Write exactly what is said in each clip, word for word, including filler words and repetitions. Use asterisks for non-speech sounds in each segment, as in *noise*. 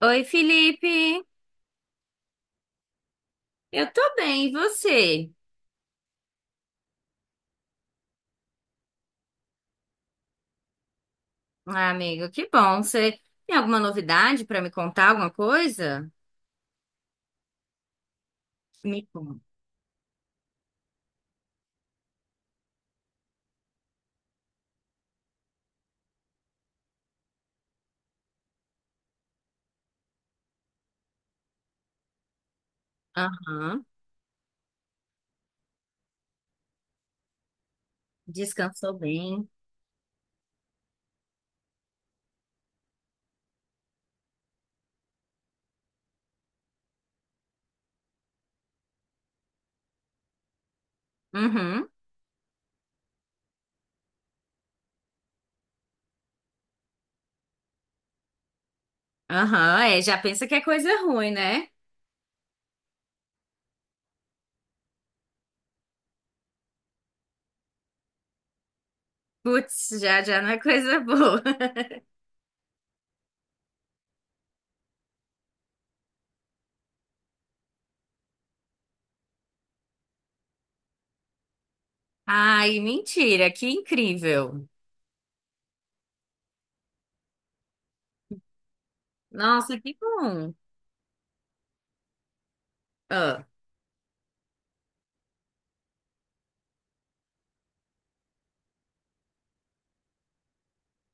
Oi, Felipe. Eu tô bem, e você? Ah, amigo, que bom. Você tem alguma novidade pra me contar, alguma coisa? Me conta. Aham. Descansou bem. Uhum. Aham, é, já pensa que é coisa ruim, né? Putz, já já não é coisa boa. *laughs* Ai, mentira, que incrível. Nossa, que bom. Ah,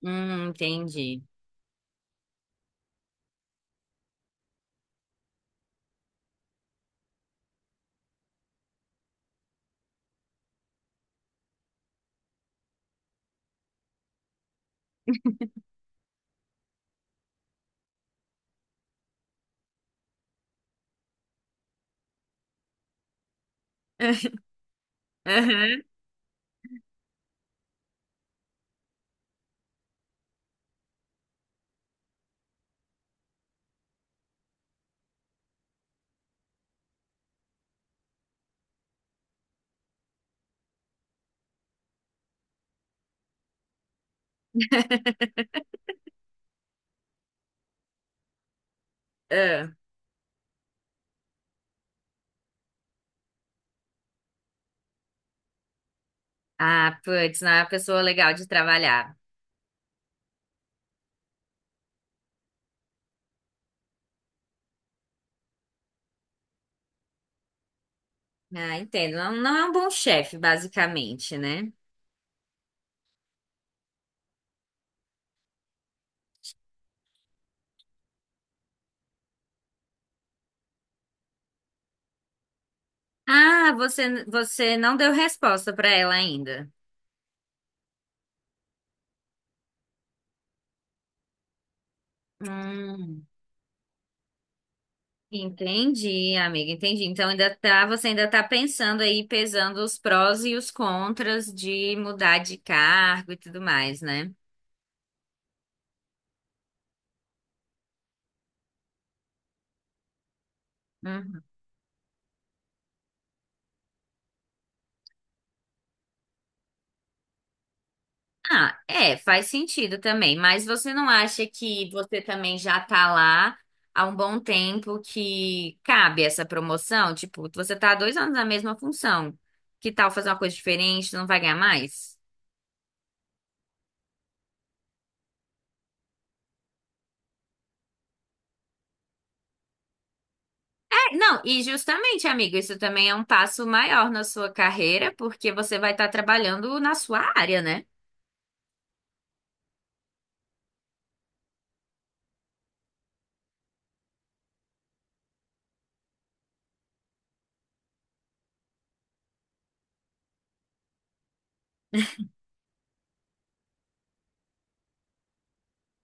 hum, entendi. *laughs* Aham. Ah, Ah, putz, não é uma pessoa legal de trabalhar. Ah, entendo. Não, não é um bom chefe, basicamente, né? Ah, você, você não deu resposta para ela ainda. Hum, entendi, amiga, entendi. Então ainda tá, você ainda tá pensando aí, pesando os prós e os contras de mudar de cargo e tudo mais, né? Ah, é, faz sentido também, mas você não acha que você também já tá lá há um bom tempo que cabe essa promoção? Tipo, você tá há dois anos na mesma função. Que tal fazer uma coisa diferente? Não vai ganhar mais? É, não, e justamente, amigo, isso também é um passo maior na sua carreira, porque você vai estar trabalhando na sua área, né?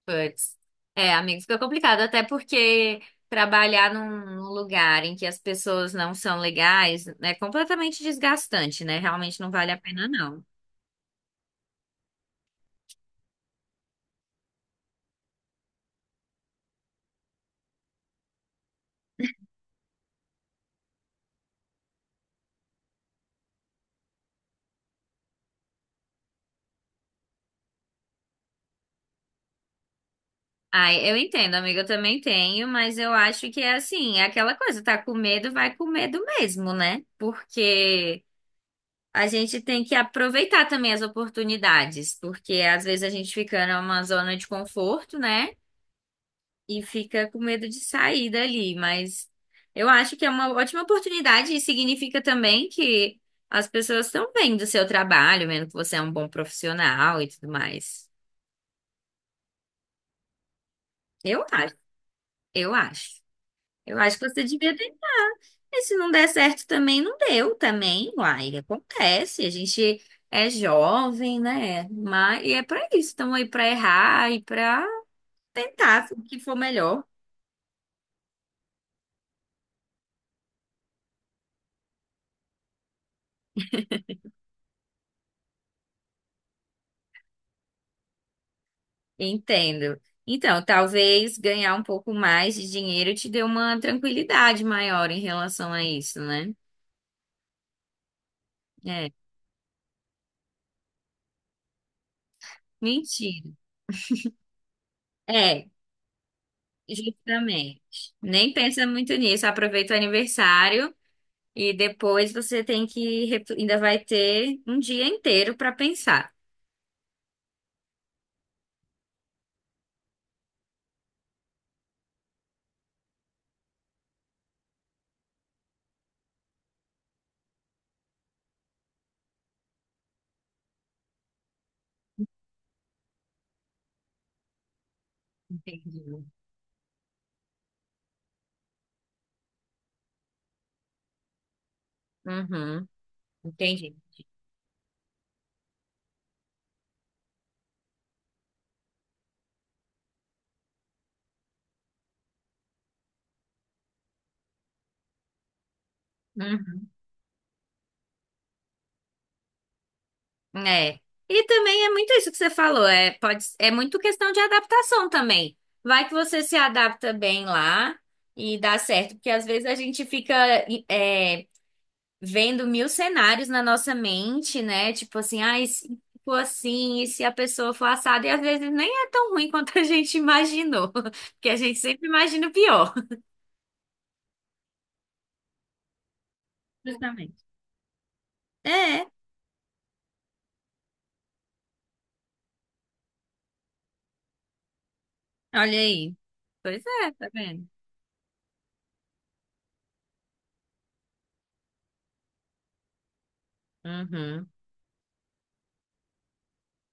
Puts. É, amigo, fica complicado, até porque trabalhar num, num lugar em que as pessoas não são legais é completamente desgastante, né? Realmente não vale a pena, não. Ai, eu entendo, amiga, eu também tenho, mas eu acho que é assim, é aquela coisa, tá com medo, vai com medo mesmo, né? Porque a gente tem que aproveitar também as oportunidades, porque às vezes a gente fica numa zona de conforto, né? E fica com medo de sair dali, mas eu acho que é uma ótima oportunidade e significa também que as pessoas estão vendo o seu trabalho, vendo que você é um bom profissional e tudo mais. Eu acho, eu acho. Eu acho que você devia ter. E se não der certo também, não deu também, uai, acontece. A gente é jovem, né? Mas e é pra isso, estamos aí pra errar e pra tentar o que for melhor. Entendo. Então, talvez ganhar um pouco mais de dinheiro te dê uma tranquilidade maior em relação a isso, né? É, mentira. É, justamente. Nem pensa muito nisso. Aproveita o aniversário e depois você tem que ref- ainda vai ter um dia inteiro para pensar. Entendi. Uhum, entendi. Uhum. É. E também é muito isso que você falou, é, pode, é muito questão de adaptação também. Vai que você se adapta bem lá e dá certo, porque às vezes a gente fica é, vendo mil cenários na nossa mente, né? Tipo assim, ah, e se for assim, e se a pessoa for assada, e às vezes nem é tão ruim *laughs* quanto a gente imaginou, *laughs* porque a gente sempre imagina o pior. Justamente. É, olha aí. Pois é, tá vendo? Uhum.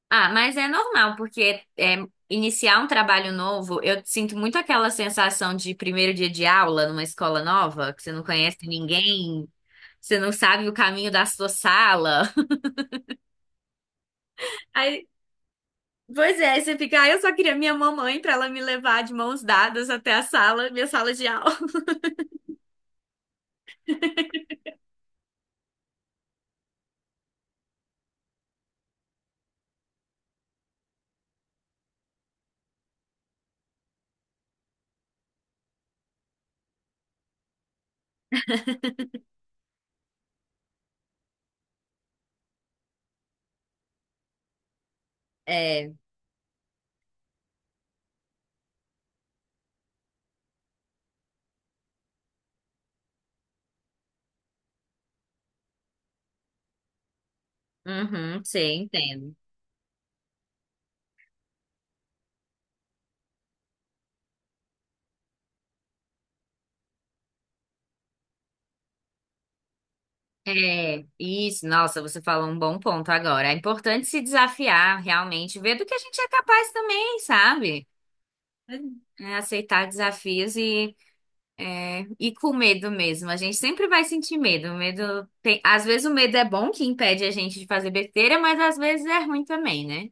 Ah, mas é normal, porque é, iniciar um trabalho novo, eu sinto muito aquela sensação de primeiro dia de aula numa escola nova, que você não conhece ninguém, você não sabe o caminho da sua sala. *laughs* Aí, pois é, aí você fica, ah, eu só queria minha mamãe pra ela me levar de mãos dadas até a sala, minha sala de aula. *laughs* É, uhum, sim, entendo. É, isso, nossa, você falou um bom ponto agora. É importante se desafiar realmente, ver do que a gente é capaz também, sabe? É aceitar desafios e, é, e com medo mesmo. A gente sempre vai sentir medo. O medo tem, às vezes o medo é bom que impede a gente de fazer besteira, mas às vezes é ruim também, né?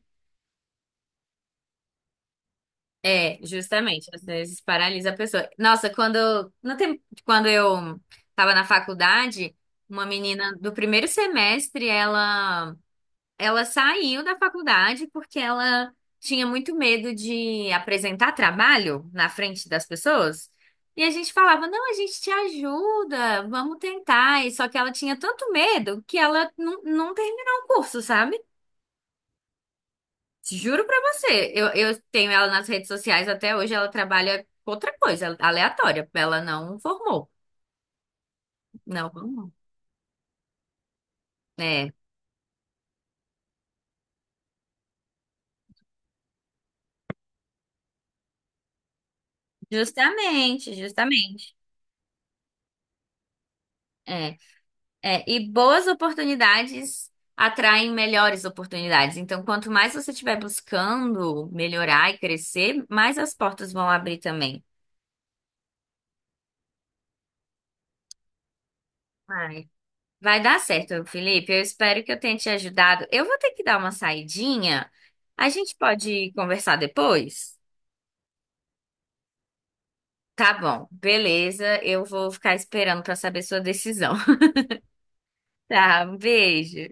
É, justamente, às vezes paralisa a pessoa. Nossa, quando no tempo, quando eu estava na faculdade, uma menina do primeiro semestre, ela. Ela saiu da faculdade porque ela tinha muito medo de apresentar trabalho na frente das pessoas. E a gente falava, não, a gente te ajuda, vamos tentar. E só que ela tinha tanto medo que ela não, não terminou o curso, sabe? Juro pra você. Eu, eu tenho ela nas redes sociais até hoje, ela trabalha com outra coisa, aleatória. Ela não formou. Não formou. É, justamente, justamente. É. É, e boas oportunidades atraem melhores oportunidades. Então, quanto mais você estiver buscando melhorar e crescer, mais as portas vão abrir também. Ai, vai dar certo, Felipe. Eu espero que eu tenha te ajudado. Eu vou ter que dar uma saidinha. A gente pode conversar depois? Tá bom, beleza. Eu vou ficar esperando para saber sua decisão. *laughs* Tá, um beijo.